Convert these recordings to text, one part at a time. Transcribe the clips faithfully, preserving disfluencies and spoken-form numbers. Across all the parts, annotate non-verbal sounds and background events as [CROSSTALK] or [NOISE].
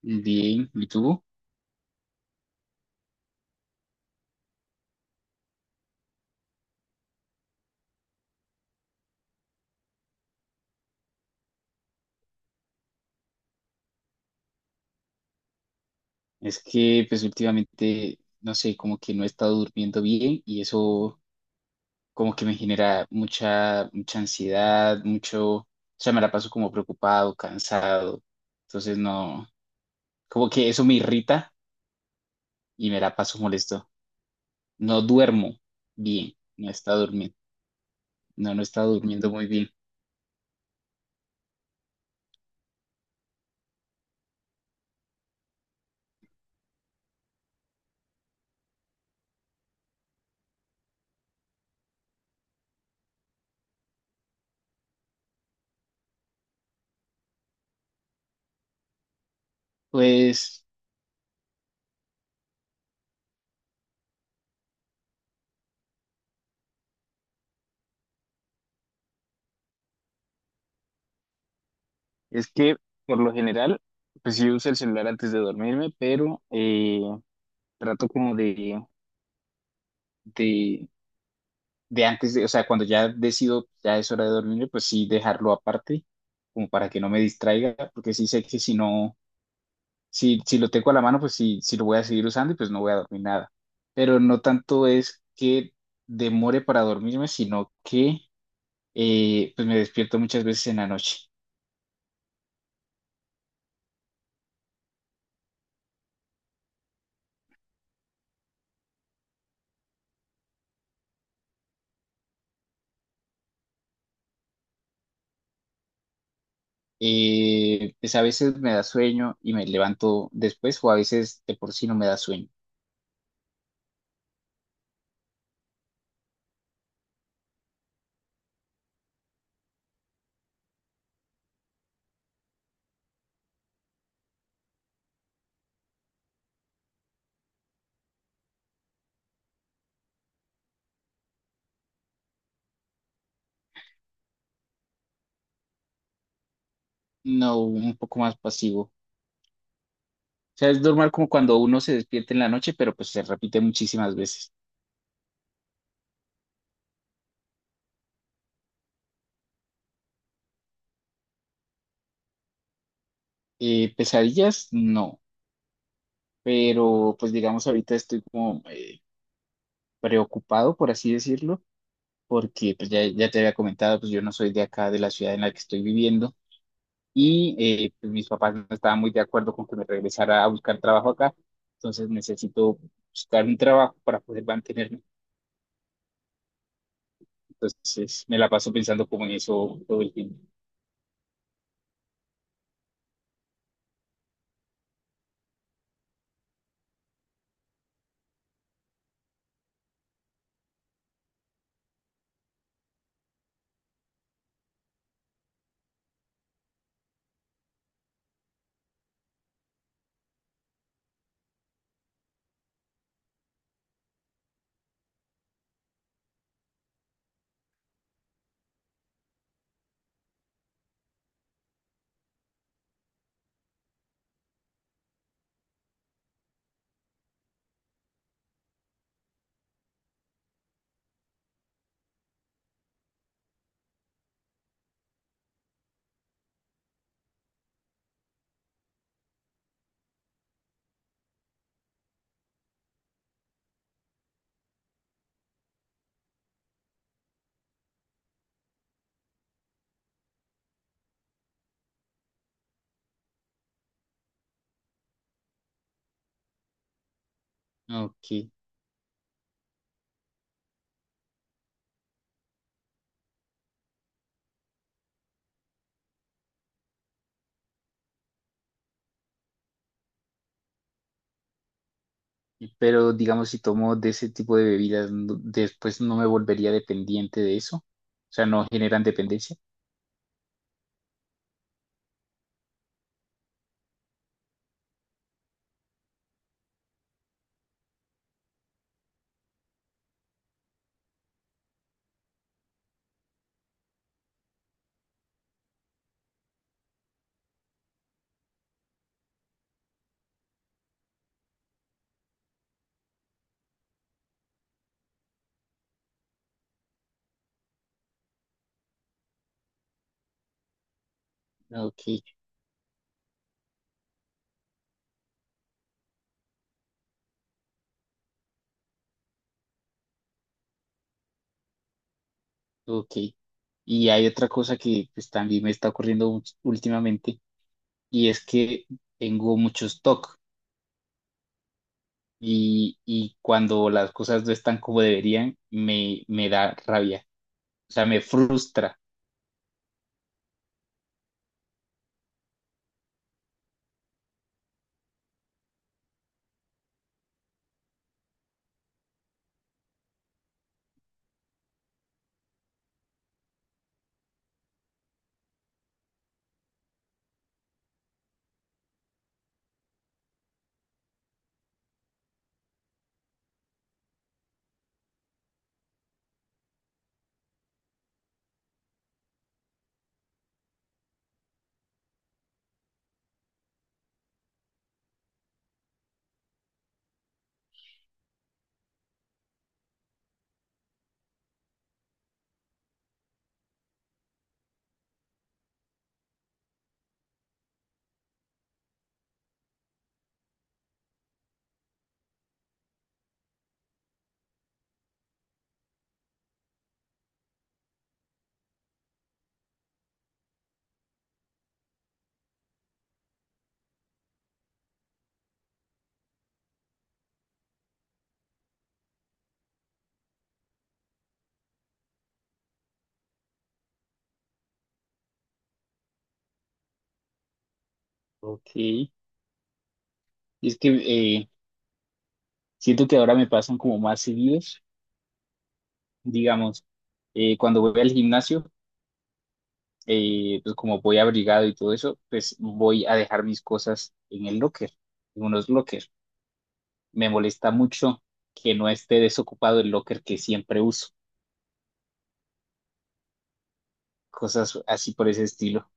Bien, ¿y tú? Es que pues últimamente, no sé, como que no he estado durmiendo bien y eso como que me genera mucha, mucha ansiedad, mucho, o sea, me la paso como preocupado, cansado. Entonces no, como que eso me irrita y me la paso molesto. No duermo bien, no he estado durmiendo, no, no he estado durmiendo muy bien. Pues es que por lo general, pues yo uso el celular antes de dormirme, pero eh, trato como de... de de antes de, o sea, cuando ya decido, ya es hora de dormir, pues sí dejarlo aparte, como para que no me distraiga, porque sí sé que si no, si, si lo tengo a la mano, pues sí, sí lo voy a seguir usando y pues no voy a dormir nada. Pero no tanto es que demore para dormirme, sino que eh, pues me despierto muchas veces en la noche. Eh, pues a veces me da sueño y me levanto después, o a veces de por sí no me da sueño. No, un poco más pasivo. O sea, es normal como cuando uno se despierta en la noche, pero pues se repite muchísimas veces. Eh, pesadillas, no, pero pues digamos ahorita estoy como eh, preocupado, por así decirlo, porque pues ya, ya te había comentado, pues yo no soy de acá, de la ciudad en la que estoy viviendo, y eh, pues, mis papás no estaban muy de acuerdo con que me regresara a buscar trabajo acá, entonces necesito buscar un trabajo para poder mantenerme. Entonces me la paso pensando como en eso todo el tiempo. Ok. Pero digamos, si tomo de ese tipo de bebidas, no- después no me volvería dependiente de eso. O sea, no generan dependencia. Ok, ok. Y hay otra cosa que pues, también me está ocurriendo ú- últimamente y es que tengo mucho stock y, y cuando las cosas no están como deberían, me, me da rabia. O sea, me frustra. Ok. Y es que eh, siento que ahora me pasan como más seguidos, digamos, eh, cuando voy al gimnasio. Eh, pues como voy abrigado y todo eso, pues voy a dejar mis cosas en el locker, en unos locker. Me molesta mucho que no esté desocupado el locker que siempre uso, cosas así por ese estilo.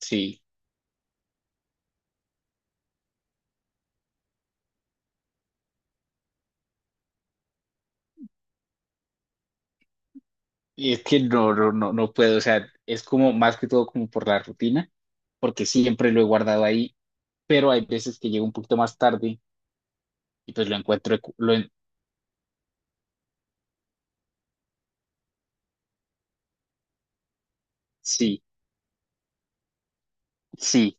Sí, y es que no, no, no, no puedo, o sea, es como más que todo como por la rutina, porque siempre lo he guardado ahí, pero hay veces que llego un poquito más tarde y pues lo encuentro, lo, en- sí, sí,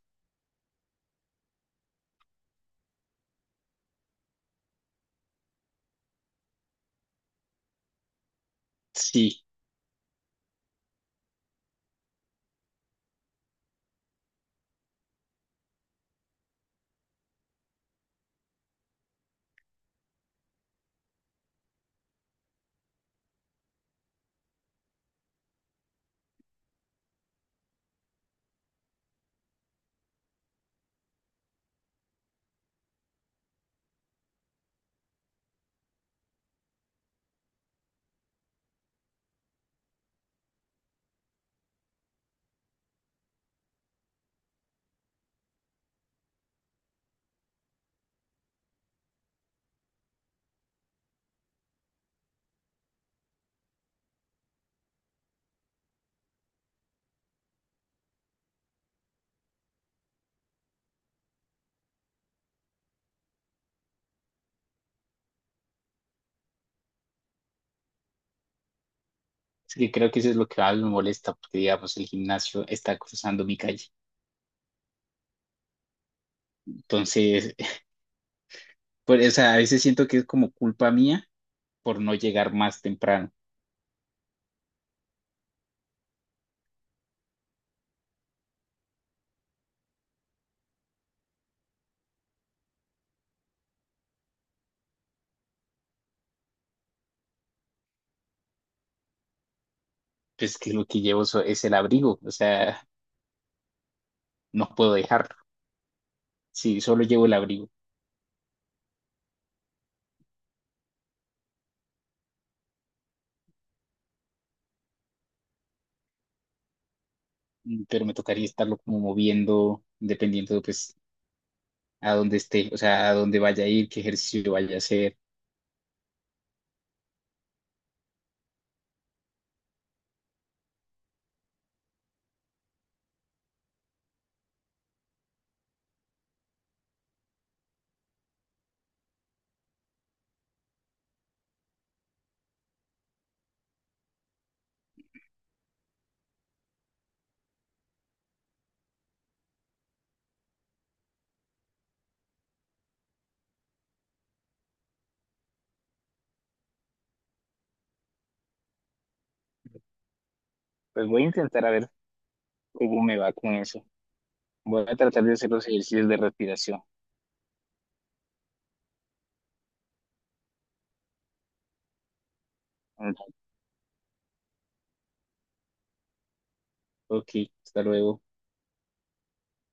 sí. Es que creo que eso es lo que más me molesta, porque digamos, el gimnasio está cruzando mi calle. Entonces, [LAUGHS] pues, o sea, a veces siento que es como culpa mía por no llegar más temprano. Pues que lo que llevo so- es el abrigo, o sea, no puedo dejarlo. Sí, solo llevo el abrigo. Mm, pero me tocaría estarlo como moviendo, dependiendo, pues, a dónde esté, o sea, a dónde vaya a ir, qué ejercicio vaya a hacer. Pues voy a intentar a ver cómo me va con eso. Voy a tratar de hacer los ejercicios de respiración. Ok, hasta luego.